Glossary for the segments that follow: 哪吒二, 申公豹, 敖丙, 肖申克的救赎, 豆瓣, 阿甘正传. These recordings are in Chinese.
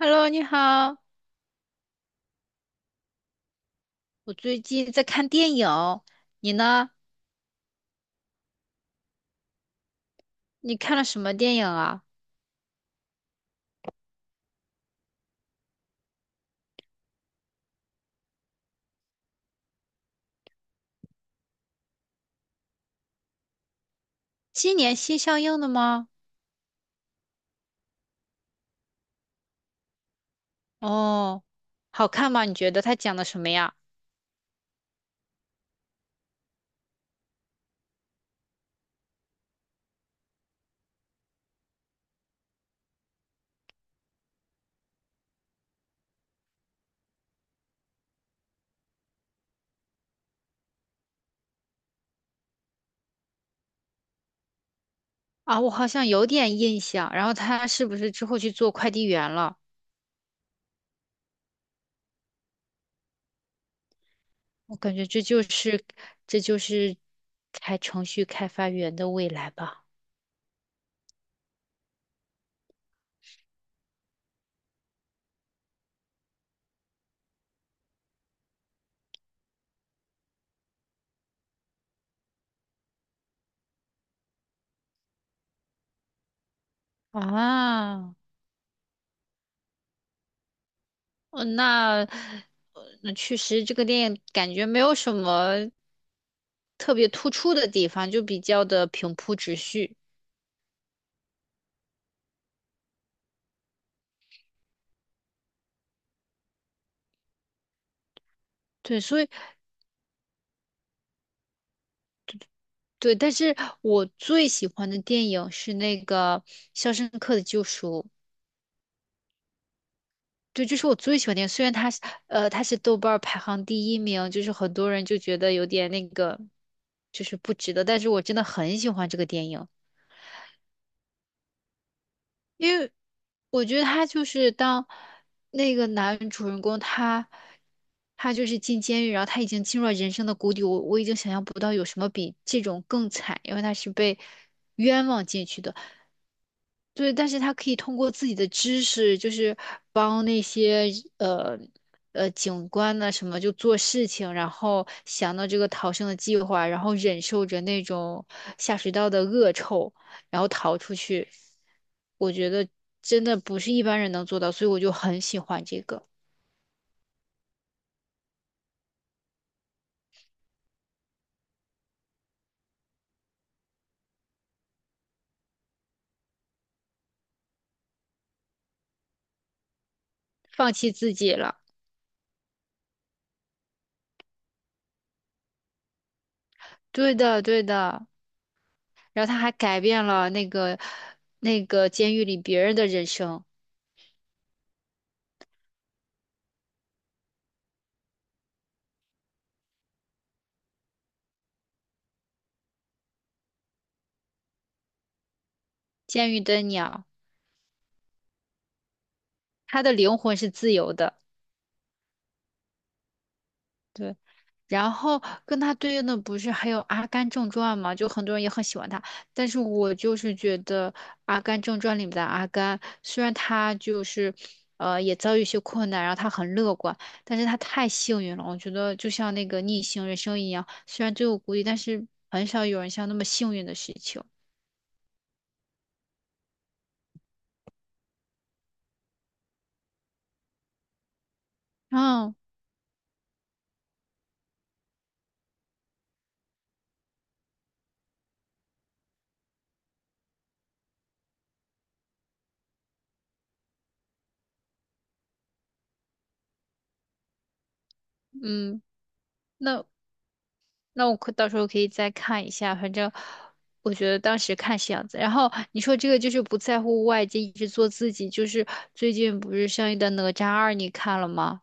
Hello，你好，我最近在看电影，你呢？你看了什么电影啊？今年新上映的吗？哦，好看吗？你觉得他讲的什么呀？啊，我好像有点印象。然后他是不是之后去做快递员了？我感觉这就是开程序开发员的未来吧。啊，呃那那确实这个电影感觉没有什么特别突出的地方，就比较的平铺直叙。对，所以对，但是我最喜欢的电影是那个《肖申克的救赎》，对，这是我最喜欢的电影。虽然它是豆瓣儿排行第1名，就是很多人就觉得有点那个，就是不值得，但是我真的很喜欢这个电影，因为我觉得他就是当那个男主人公他。他就是进监狱，然后他已经进入了人生的谷底。我已经想象不到有什么比这种更惨，因为他是被冤枉进去的。对，但是他可以通过自己的知识，就是帮那些呃警官呢什么就做事情，然后想到这个逃生的计划，然后忍受着那种下水道的恶臭，然后逃出去。我觉得真的不是一般人能做到，所以我就很喜欢这个，放弃自己了。对的，对的。然后他还改变了那个监狱里别人的人生，监狱的鸟，他的灵魂是自由的。对。然后跟他对应的不是还有《阿甘正传》嘛，就很多人也很喜欢他，但是我就是觉得《阿甘正传》里面的阿甘，虽然他就是，也遭遇一些困难，然后他很乐观，但是他太幸运了。我觉得就像那个逆行人生一样，虽然最后孤立，但是很少有人像那么幸运的事情。然嗯，那那我可到时候可以再看一下，反正我觉得当时看是样子。然后你说这个就是不在乎外界，一直做自己，就是最近不是上映的《哪吒二》，你看了吗？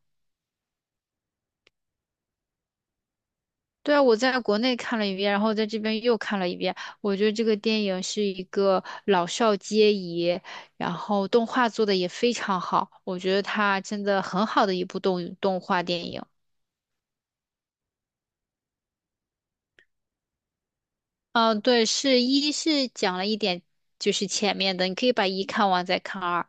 对啊，我在国内看了一遍，然后在这边又看了一遍。我觉得这个电影是一个老少皆宜，然后动画做的也非常好，我觉得它真的很好的一部动画电影。嗯，对，是讲了一点，就是前面的，你可以把一看完再看二。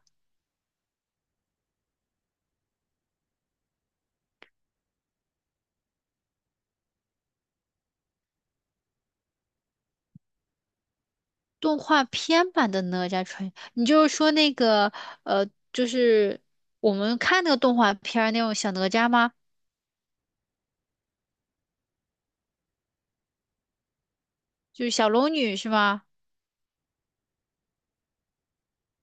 动画片版的哪吒传，你就是说那个就是我们看那个动画片儿那种小哪吒吗？就是小龙女是吗？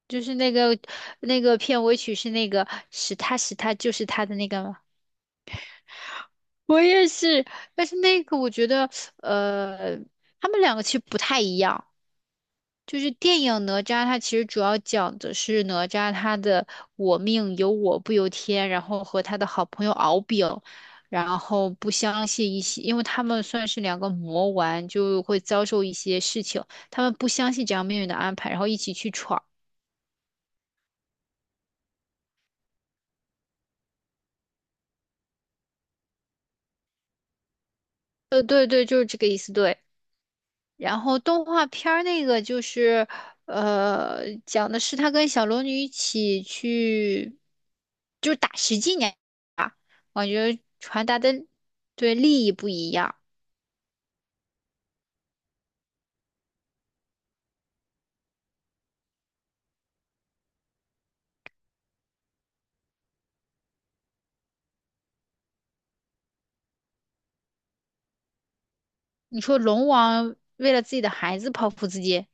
就是那个片尾曲是那个是他就是他的那个吗？我也是，但是那个我觉得呃，他们两个其实不太一样。就是电影《哪吒》，它其实主要讲的是哪吒他的“我命由我不由天”，然后和他的好朋友敖丙，然后不相信一些，因为他们算是两个魔丸，就会遭受一些事情，他们不相信这样命运的安排，然后一起去闯。对对，就是这个意思，对。然后动画片儿那个就是，讲的是他跟小龙女一起去，就是打十几年。我觉得传达的对利益不一样。你说龙王为了自己的孩子剖腹自尽，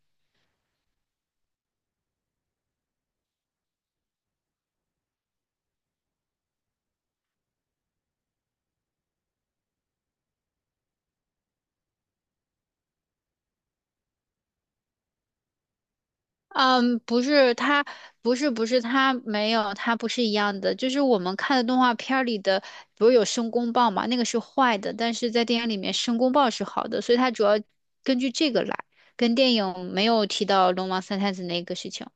嗯，不是他，不是不是他没有，他不是一样的。就是我们看的动画片儿里的，不是有申公豹嘛，那个是坏的，但是在电影里面申公豹是好的，所以他主要根据这个来，跟电影没有提到龙王三太子那个事情。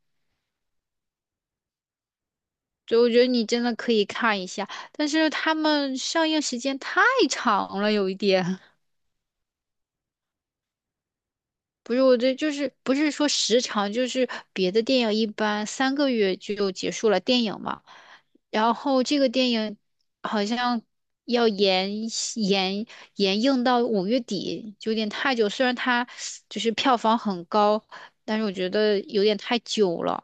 所以我觉得你真的可以看一下，但是他们上映时间太长了，有一点。不是，我这就是不是说时长，就是别的电影一般3个月就结束了电影嘛，然后这个电影好像要延延映到5月底，就有点太久。虽然它就是票房很高，但是我觉得有点太久了。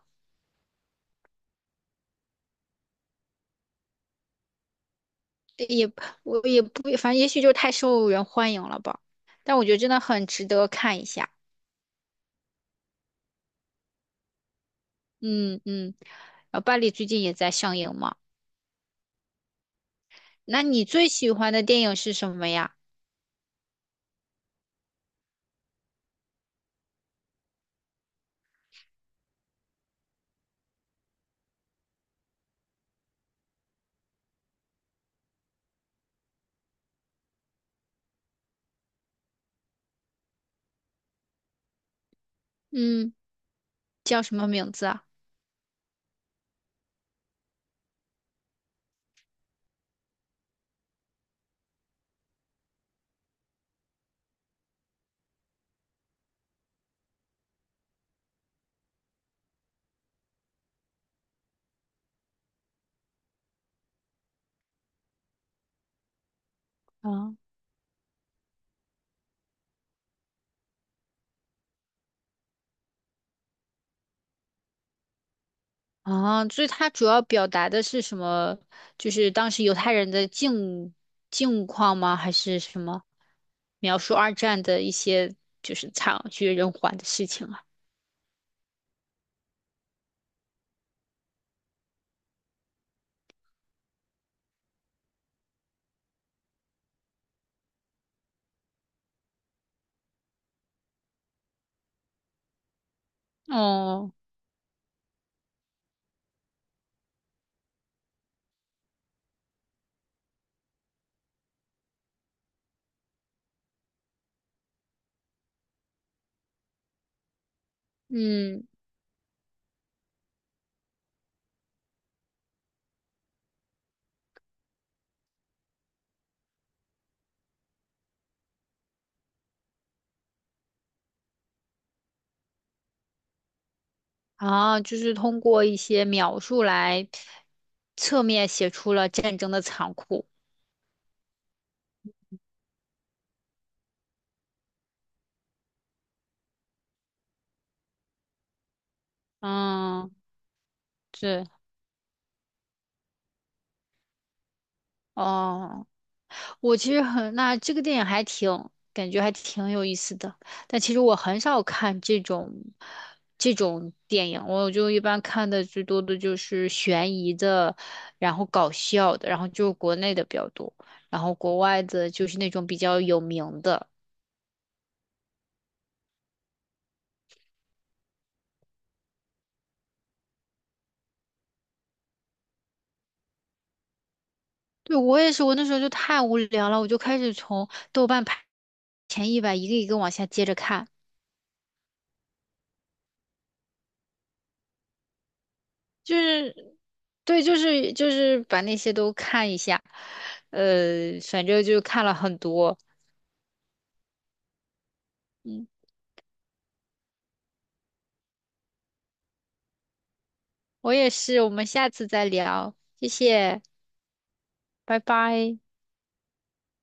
我也不，反正也许就是太受人欢迎了吧。但我觉得真的很值得看一下。嗯嗯，然后巴黎最近也在上映嘛。那你最喜欢的电影是什么呀？嗯，叫什么名字啊？啊，啊，所以它主要表达的是什么？就是当时犹太人的境况吗？还是什么？描述二战的一些就是惨绝人寰的事情啊。哦，嗯，啊，就是通过一些描述来侧面写出了战争的残酷。嗯，对，哦。我其实很，那这个电影还挺，感觉还挺有意思的。但其实我很少看这种电影，我就一般看的最多的就是悬疑的，然后搞笑的，然后就国内的比较多，然后国外的就是那种比较有名的。对，我也是，我那时候就太无聊了，我就开始从豆瓣排前100一个一个往下接着看。就是对，就是就是把那些都看一下，反正就看了很多。嗯，我也是，我们下次再聊，谢谢，拜拜。